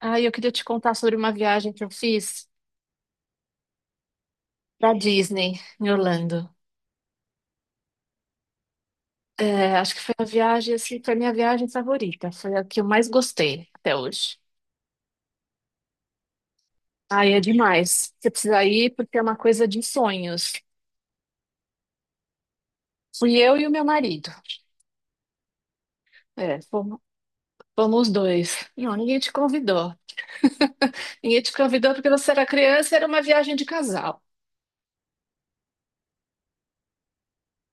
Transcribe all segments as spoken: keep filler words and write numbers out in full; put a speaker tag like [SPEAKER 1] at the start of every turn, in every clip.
[SPEAKER 1] Ah, eu queria te contar sobre uma viagem que eu fiz para Disney, em Orlando. É, acho que foi a viagem, assim, foi a minha viagem favorita. Foi a que eu mais gostei até hoje. Ai, é demais. Você precisa ir porque é uma coisa de sonhos. Fui eu e o meu marido. É, fomos, fomos os dois. Não, ninguém te convidou. Ninguém te convidou porque você era criança, e era uma viagem de casal.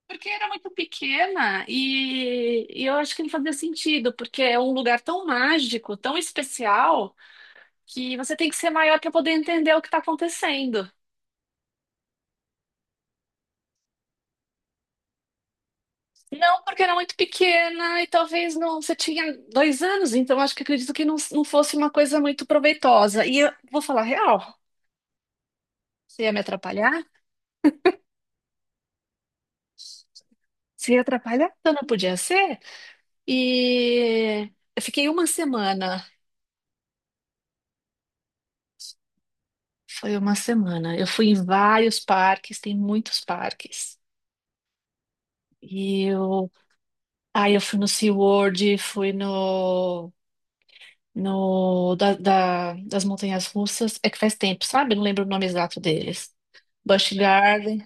[SPEAKER 1] Porque era muito pequena e, e eu acho que não fazia sentido, porque é um lugar tão mágico, tão especial, que você tem que ser maior para poder entender o que está acontecendo. Não, porque era muito pequena e talvez não. Você tinha dois anos, então acho que acredito que não, não fosse uma coisa muito proveitosa. E eu vou falar a real, você ia me atrapalhar? Você ia atrapalhar? Então não podia ser. E eu fiquei uma semana. Foi uma semana. Eu fui em vários parques, tem muitos parques. E eu, aí eu fui no SeaWorld, fui no no, da, da- das montanhas russas. É que faz tempo, sabe? Não lembro o nome exato deles. Busch Garden.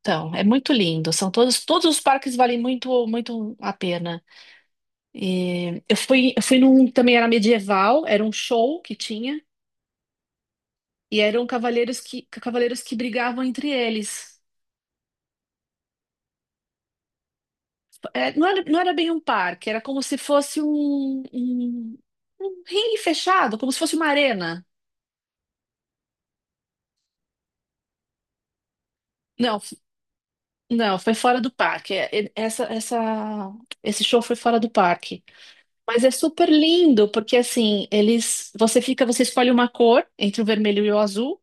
[SPEAKER 1] Então, é muito lindo. São todos, todos os parques valem muito, muito a pena. E eu fui, eu fui num que também era medieval, era um show que tinha, e eram cavaleiros que, cavaleiros que brigavam entre eles. É, não era, não era bem um parque, era como se fosse um, um, um ringue fechado, como se fosse uma arena. Não, não, foi fora do parque. É, é, Essa, essa, esse show foi fora do parque. Mas é super lindo, porque assim, eles, você fica, você escolhe uma cor entre o vermelho e o azul,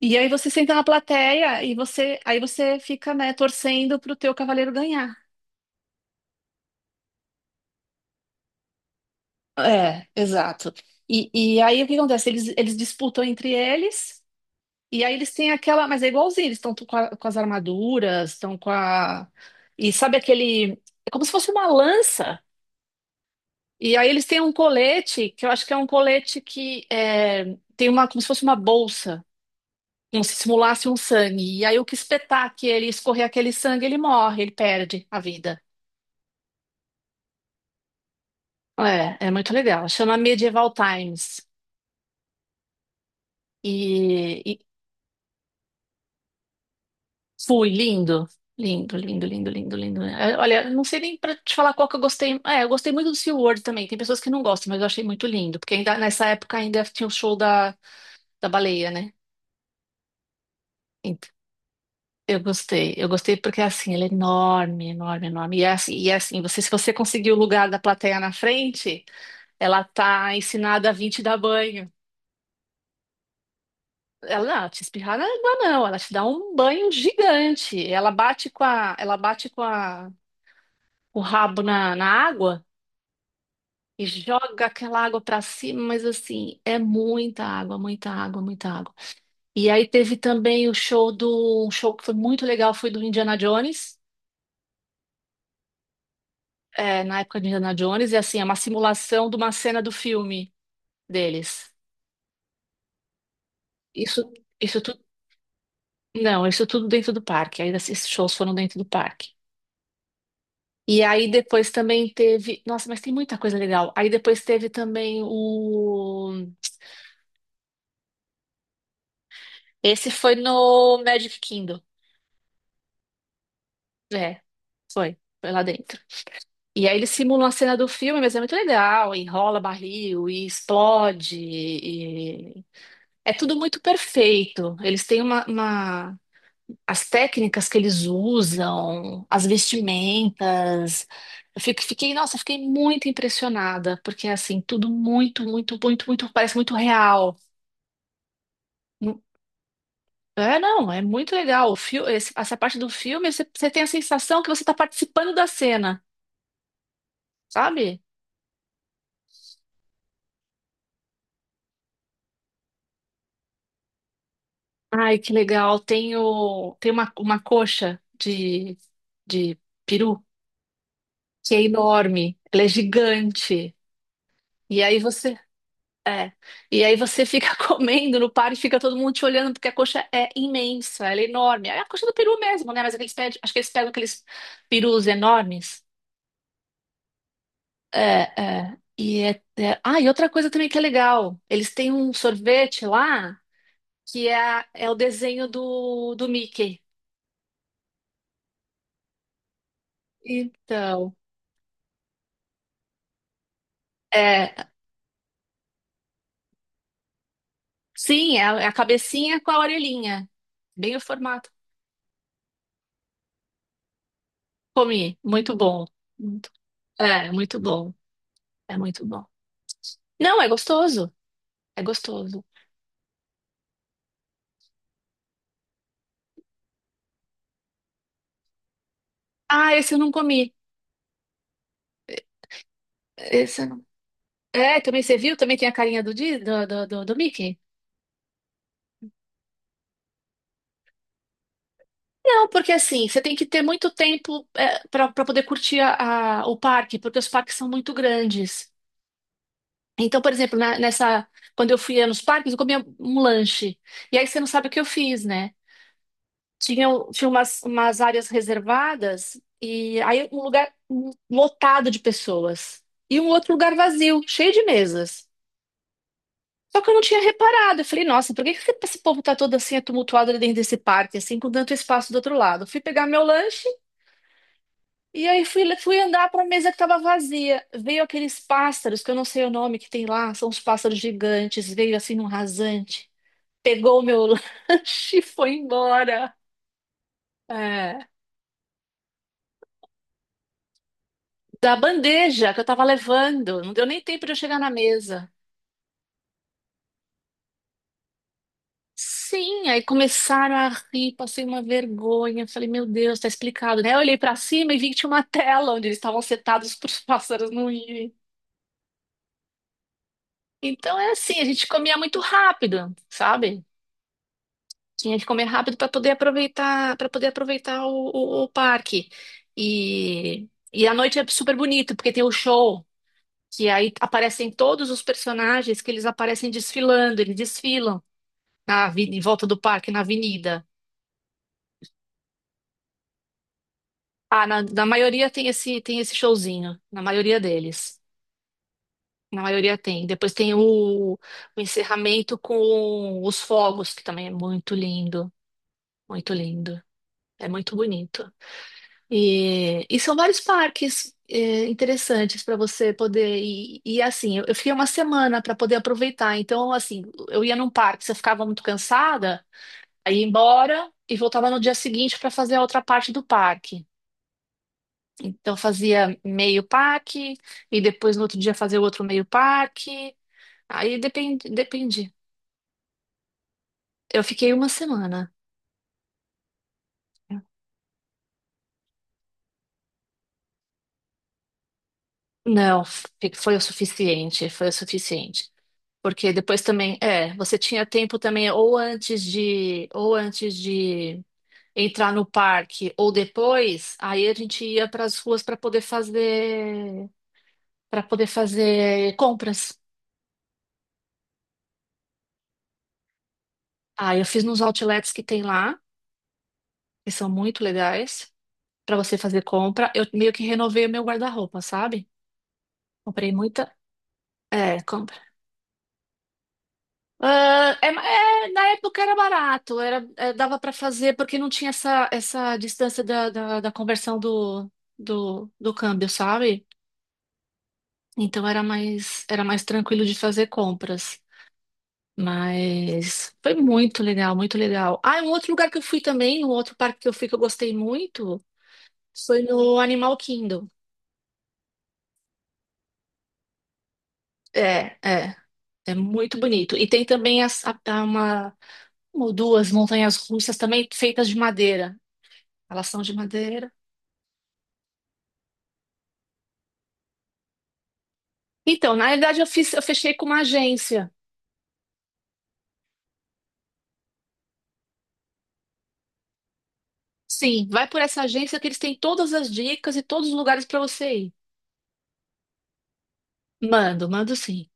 [SPEAKER 1] e aí você senta na plateia e você, aí você fica, né, torcendo pro teu cavaleiro ganhar. É, exato. E, e aí o que acontece? Eles, eles disputam entre eles, e aí eles têm aquela. Mas é igualzinho, eles estão com, a- com as armaduras, estão com a. E sabe aquele. É como se fosse uma lança. E aí eles têm um colete, que eu acho que é um colete que é, tem uma, como se fosse uma bolsa, como se simulasse um sangue. E aí o que espetar que ele escorrer aquele sangue, ele morre, ele perde a vida. É, é muito legal. Chama Medieval Times. E, e fui, lindo. Lindo, lindo, lindo, lindo, lindo. É, olha, não sei nem pra te falar qual que eu gostei. É, eu gostei muito do SeaWorld também. Tem pessoas que não gostam, mas eu achei muito lindo. Porque ainda nessa época ainda tinha o show da, da baleia, né? Eu gostei, eu gostei porque assim, ele é enorme, enorme, enorme. E é assim, e é assim, você, se você conseguir o lugar da plateia na frente, ela tá ensinada a vir te dar banho. Ela não, te espirrar na água, não, ela te dá um banho gigante. Ela bate com a, ela bate com a, o rabo na, na água e joga aquela água pra cima, mas assim, é muita água, muita água, muita água. E aí teve também o show do, um show que foi muito legal, foi do Indiana Jones. É, na época de Indiana Jones, e assim, é uma simulação de uma cena do filme deles. Isso, isso tudo, não, isso tudo dentro do parque. Aí esses shows foram dentro do parque. E aí depois também teve, nossa, mas tem muita coisa legal. Aí depois teve também o, esse foi no Magic Kingdom. É, foi, foi lá dentro. E aí eles simulam a cena do filme, mas é muito legal, enrola barril e explode, e- é tudo muito perfeito. Eles têm uma, uma- as técnicas que eles usam, as vestimentas. Eu fico- fiquei, nossa, fiquei muito impressionada, porque assim, tudo muito, muito, muito, muito, parece muito real. Não- É, não, é muito legal. O fio, esse- essa parte do filme, você, você tem a sensação que você está participando da cena, sabe? Ai, que legal. Tem, o, tem uma, uma coxa de, de peru que é enorme, ela é gigante. E aí você É. E aí você fica comendo no par e fica todo mundo te olhando, porque a coxa é imensa, ela é enorme. É a coxa do peru mesmo, né? Mas aqueles pés, acho que eles pegam aqueles perus enormes. É, é. E é, é- Ah, e outra coisa também que é legal. Eles têm um sorvete lá que é, a- é o desenho do, do Mickey. Então, é. Sim, é a, é a, cabecinha com a orelhinha. Bem o formato. Comi. Muito bom. Muito- É, muito bom. É muito bom. Não, é gostoso. É gostoso. Ah, esse eu não comi. Esse eu não... É, também você viu? Também tem a carinha do, Di- do, do, do, do Mickey? Não, porque assim, você tem que ter muito tempo é, para poder curtir a, a- o parque, porque os parques são muito grandes. Então, por exemplo, na- nessa, quando eu fui nos parques, eu comia um lanche. E aí você não sabe o que eu fiz, né? Tinha, tinha umas, umas áreas reservadas e aí um lugar um lotado de pessoas. E um outro lugar vazio, cheio de mesas. Só que eu não tinha reparado. Eu falei, nossa, por que que esse povo tá todo assim, tumultuado ali dentro desse parque, assim, com tanto espaço do outro lado? Fui pegar meu lanche e aí fui, fui andar para a mesa que tava vazia. Veio aqueles pássaros, que eu não sei o nome que tem lá, são uns pássaros gigantes, veio assim num rasante, pegou o meu lanche e foi embora. É, da bandeja que eu tava levando. Não deu nem tempo de eu chegar na mesa. Sim, aí começaram a rir, passei uma vergonha. Falei, meu Deus, tá explicado, né? Eu olhei pra cima e vi que tinha uma tela onde eles estavam setados para os pássaros não irem. Então é assim, a gente comia muito rápido, sabe? Tinha que comer rápido para poder aproveitar, para poder aproveitar o, o- o parque. E e à noite é super bonito, porque tem o show, que aí aparecem todos os personagens que eles aparecem desfilando, eles desfilam na, avi- em volta do parque, na avenida. Ah, na, na maioria tem esse, tem esse showzinho. Na maioria deles. Na maioria tem. Depois tem o, o encerramento com os fogos, que também é muito lindo. Muito lindo. É muito bonito. E, e são vários parques é, interessantes para você poder ir. E assim, eu, eu fiquei uma semana para poder aproveitar. Então, assim, eu ia num parque, você ficava muito cansada, aí ia embora e voltava no dia seguinte para fazer a outra parte do parque. Então fazia meio pack e depois no outro dia fazia outro meio pack. Aí depende, depende. Eu fiquei uma semana. Não, fi- foi o suficiente, foi o suficiente. Porque depois também, é, você tinha tempo também ou antes de ou antes de entrar no parque ou depois, aí a gente ia para as ruas para poder fazer para poder fazer compras. Ah, eu fiz nos outlets que tem lá, que são muito legais, para você fazer compra. Eu meio que renovei o meu guarda-roupa, sabe? Comprei muita. É, compra. Ah, é, ma- é, na época era barato, era, é, dava para fazer porque não tinha essa, essa, distância da, da, da conversão do, do, do câmbio, sabe? Então era mais, era mais tranquilo de fazer compras. Mas foi muito legal, muito legal. Ah, um outro lugar que eu fui também, um outro parque que eu fui que eu gostei muito, foi no Animal Kingdom. É, é. É muito bonito. E tem também as, a- a- uma, uma ou duas montanhas russas também feitas de madeira. Elas são de madeira. Então, na realidade, eu fiz, eu fechei com uma agência. Sim, vai por essa agência que eles têm todas as dicas e todos os lugares para você ir. Mando, mando sim.